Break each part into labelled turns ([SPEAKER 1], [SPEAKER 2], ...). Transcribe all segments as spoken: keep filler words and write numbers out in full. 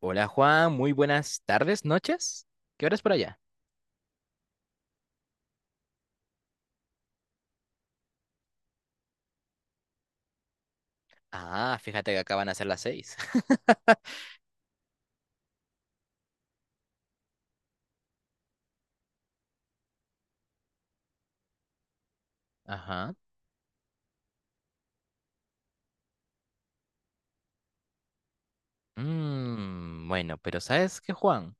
[SPEAKER 1] Hola Juan, muy buenas tardes, noches. ¿Qué horas por allá? Ah, fíjate que acaban a ser las seis. Ajá. Mm, bueno, pero ¿sabes qué, Juan?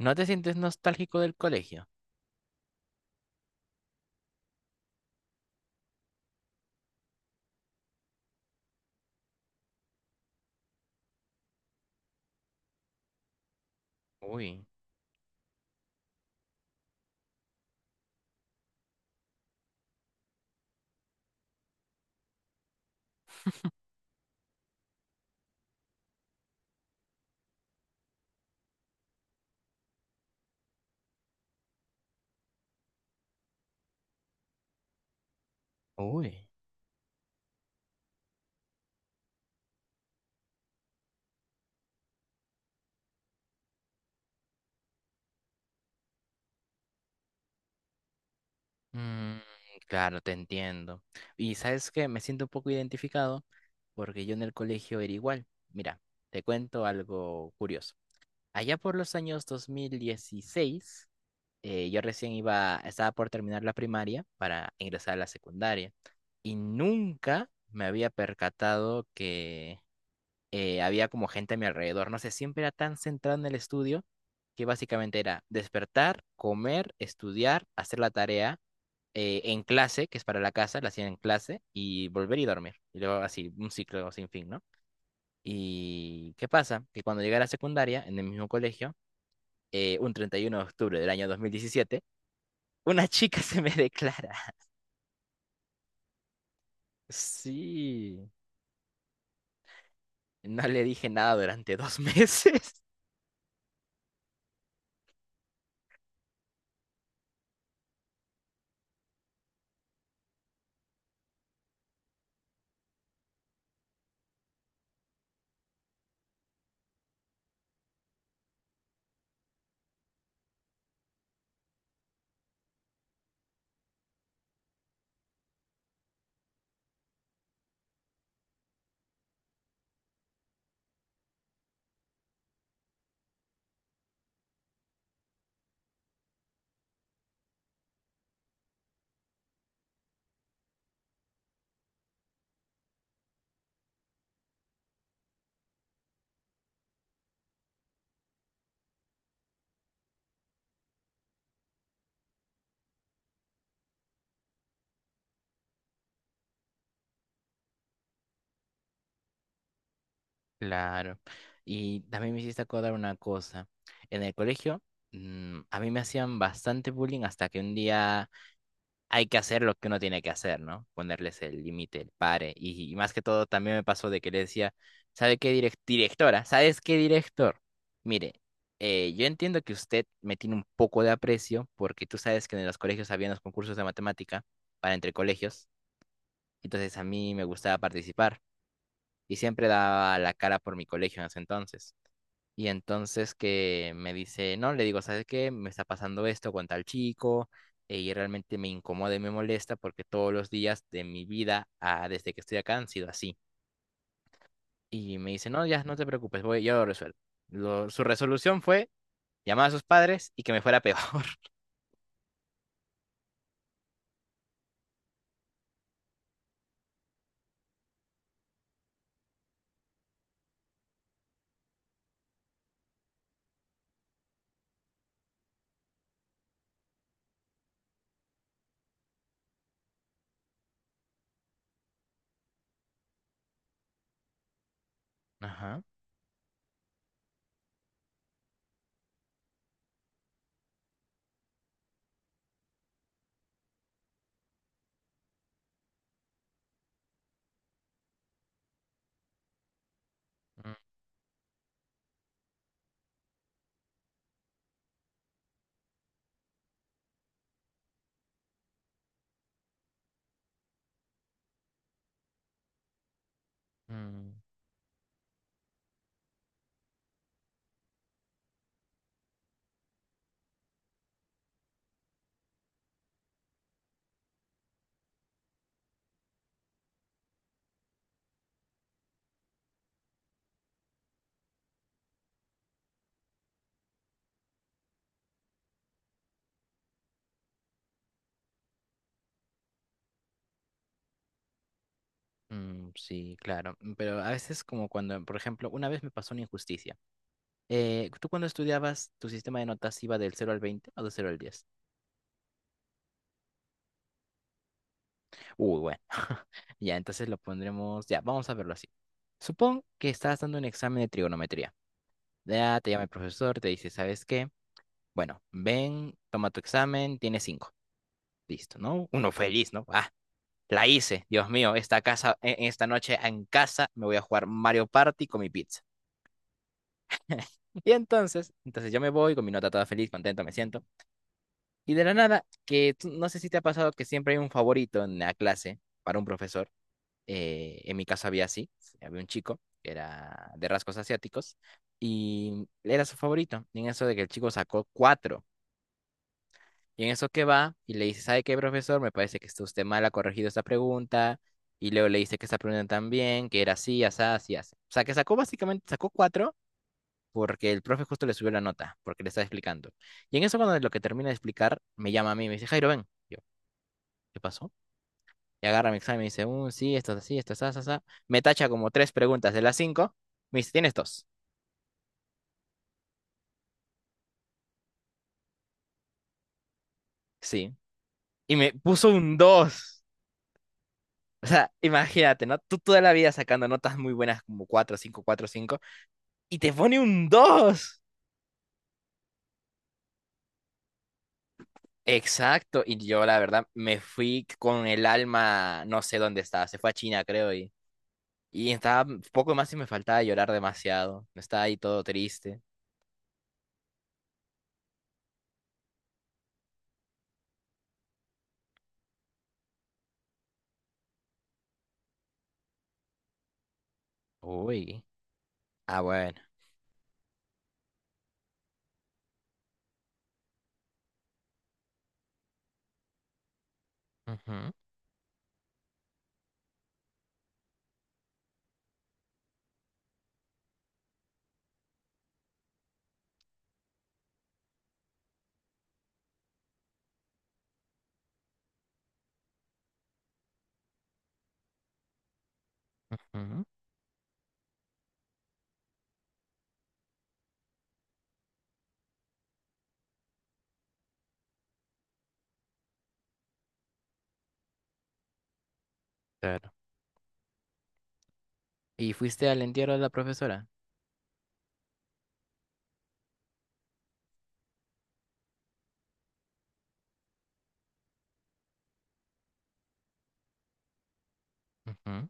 [SPEAKER 1] ¿No te sientes nostálgico del colegio? Uy, uy. Mm, claro, te entiendo. Y ¿sabes qué? Me siento un poco identificado porque yo en el colegio era igual. Mira, te cuento algo curioso. Allá por los años dos mil dieciséis, eh, yo recién iba, estaba por terminar la primaria para ingresar a la secundaria y nunca me había percatado que eh, había como gente a mi alrededor. No sé, siempre era tan centrado en el estudio que básicamente era despertar, comer, estudiar, hacer la tarea eh, en clase, que es para la casa, la hacía en clase, y volver y dormir. Y luego así, un ciclo sin fin, ¿no? ¿Y qué pasa? Que cuando llegué a la secundaria, en el mismo colegio, eh, un treinta y uno de octubre del año dos mil diecisiete una chica se me declara. Sí. No le dije nada durante dos meses. Claro. Y también me hiciste acordar una cosa. En el colegio, mm, a mí me hacían bastante bullying hasta que un día hay que hacer lo que uno tiene que hacer, ¿no? Ponerles el límite, el pare. Y, y más que todo, también me pasó de que le decía, ¿sabe qué direc- directora? ¿Sabes qué director? Mire, eh, yo entiendo que usted me tiene un poco de aprecio porque tú sabes que en los colegios había los concursos de matemática para entre colegios. Entonces a mí me gustaba participar y siempre daba la cara por mi colegio en ese entonces. Y entonces que me dice, no, le digo, ¿sabes qué? Me está pasando esto con tal chico eh, y realmente me incomoda y me molesta porque todos los días de mi vida ah, desde que estoy acá han sido así. Y me dice, no, ya no te preocupes, voy, yo lo resuelvo. Lo- su resolución fue llamar a sus padres y que me fuera peor. Ajá. Mm, mm, mm, sí, claro. Mm, Pero a veces como cuando, por ejemplo, una vez me pasó una injusticia. Eh, ¿tú cuando estudiabas, tu sistema de notas iba del cero al veinte o del cero al diez? Uy, bueno. Ya, entonces lo pondremos. Ya, vamos a verlo así. Supón que estás dando un examen de trigonometría. Ya te llama el profesor, te dice, ¿sabes qué? Bueno, ven, toma tu examen, tienes cinco. Listo, ¿no? Uno feliz, ¿no? Ah, la hice. Dios mío, esta casa, e- esta noche en casa me voy a jugar Mario Party con mi pizza. Y entonces, entonces yo me voy con mi nota toda feliz, contento me siento. Y de la nada, que tú- no sé si te ha pasado que siempre hay un favorito en la clase para un profesor. eh, en mi caso había así, había un chico que era de rasgos asiáticos y era su favorito. Y en eso de que el chico sacó cuatro. Y en eso que va y le dice, ¿sabe qué, profesor? Me parece que está usted mal, ha corregido esta pregunta. Y luego le dice que esta pregunta también, que era así, así, así, así. O sea, que sacó básicamente, sacó cuatro porque el profe justo le subió la nota, porque le estaba explicando. Y en eso cuando lo que termina de explicar, me llama a mí, me dice, Jairo, ven. Yo, ¿qué pasó? Y agarra mi examen y dice, "Uh, sí, esto es así, esto es así, así". Me tacha como tres preguntas de las cinco. Me dice, ¿tienes dos? Sí. Y me puso un dos. O sea, imagínate, ¿no? Tú toda la vida sacando notas muy buenas como cuatro, cinco, cuatro, cinco. Y te pone un dos. Exacto. Y yo, la verdad, me fui con el alma, no sé dónde estaba. Se fue a China, creo. Y, y estaba poco más y me faltaba llorar demasiado. Estaba ahí todo triste. Uy. Ah, bueno. Ujú, ujú. ¿Y fuiste al entierro de la profesora? Ujú.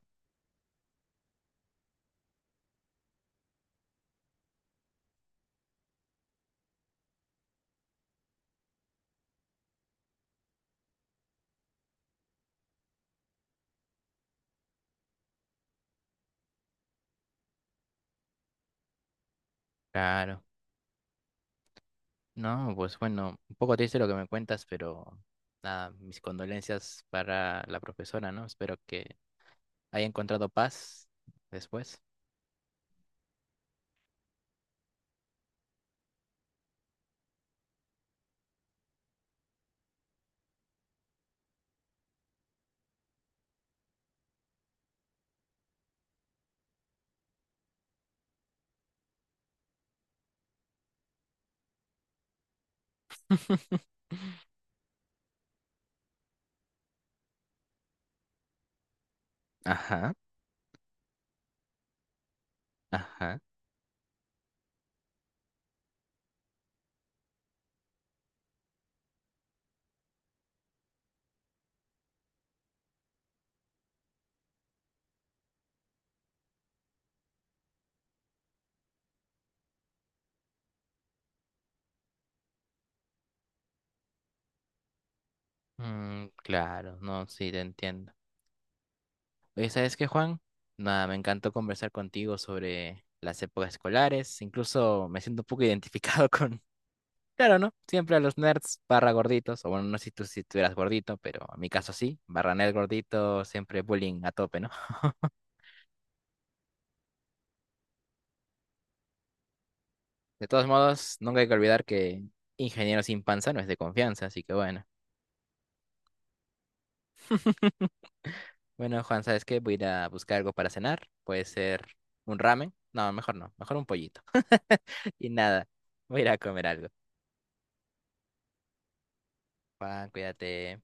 [SPEAKER 1] Claro. No, pues bueno, un poco triste lo que me cuentas, pero nada, mis condolencias para la profesora, ¿no? Espero que haya encontrado paz después. Ajá, ajá. Mm, claro, no, sí, te entiendo. Oye, ¿sabes qué, Juan? Nada, me encantó conversar contigo sobre las épocas escolares. Incluso me siento un poco identificado con. Claro, ¿no? Siempre a los nerds barra gorditos, o bueno, no sé si tú, si tú eras gordito, pero en mi caso sí, barra nerd gordito, siempre bullying a tope, ¿no? De todos modos, nunca hay que olvidar que ingeniero sin panza no es de confianza, así que bueno. Bueno, Juan, ¿sabes qué? Voy a ir a buscar algo para cenar, puede ser un ramen, no, mejor no, mejor un pollito. Y nada, voy a ir a comer algo. Juan, cuídate.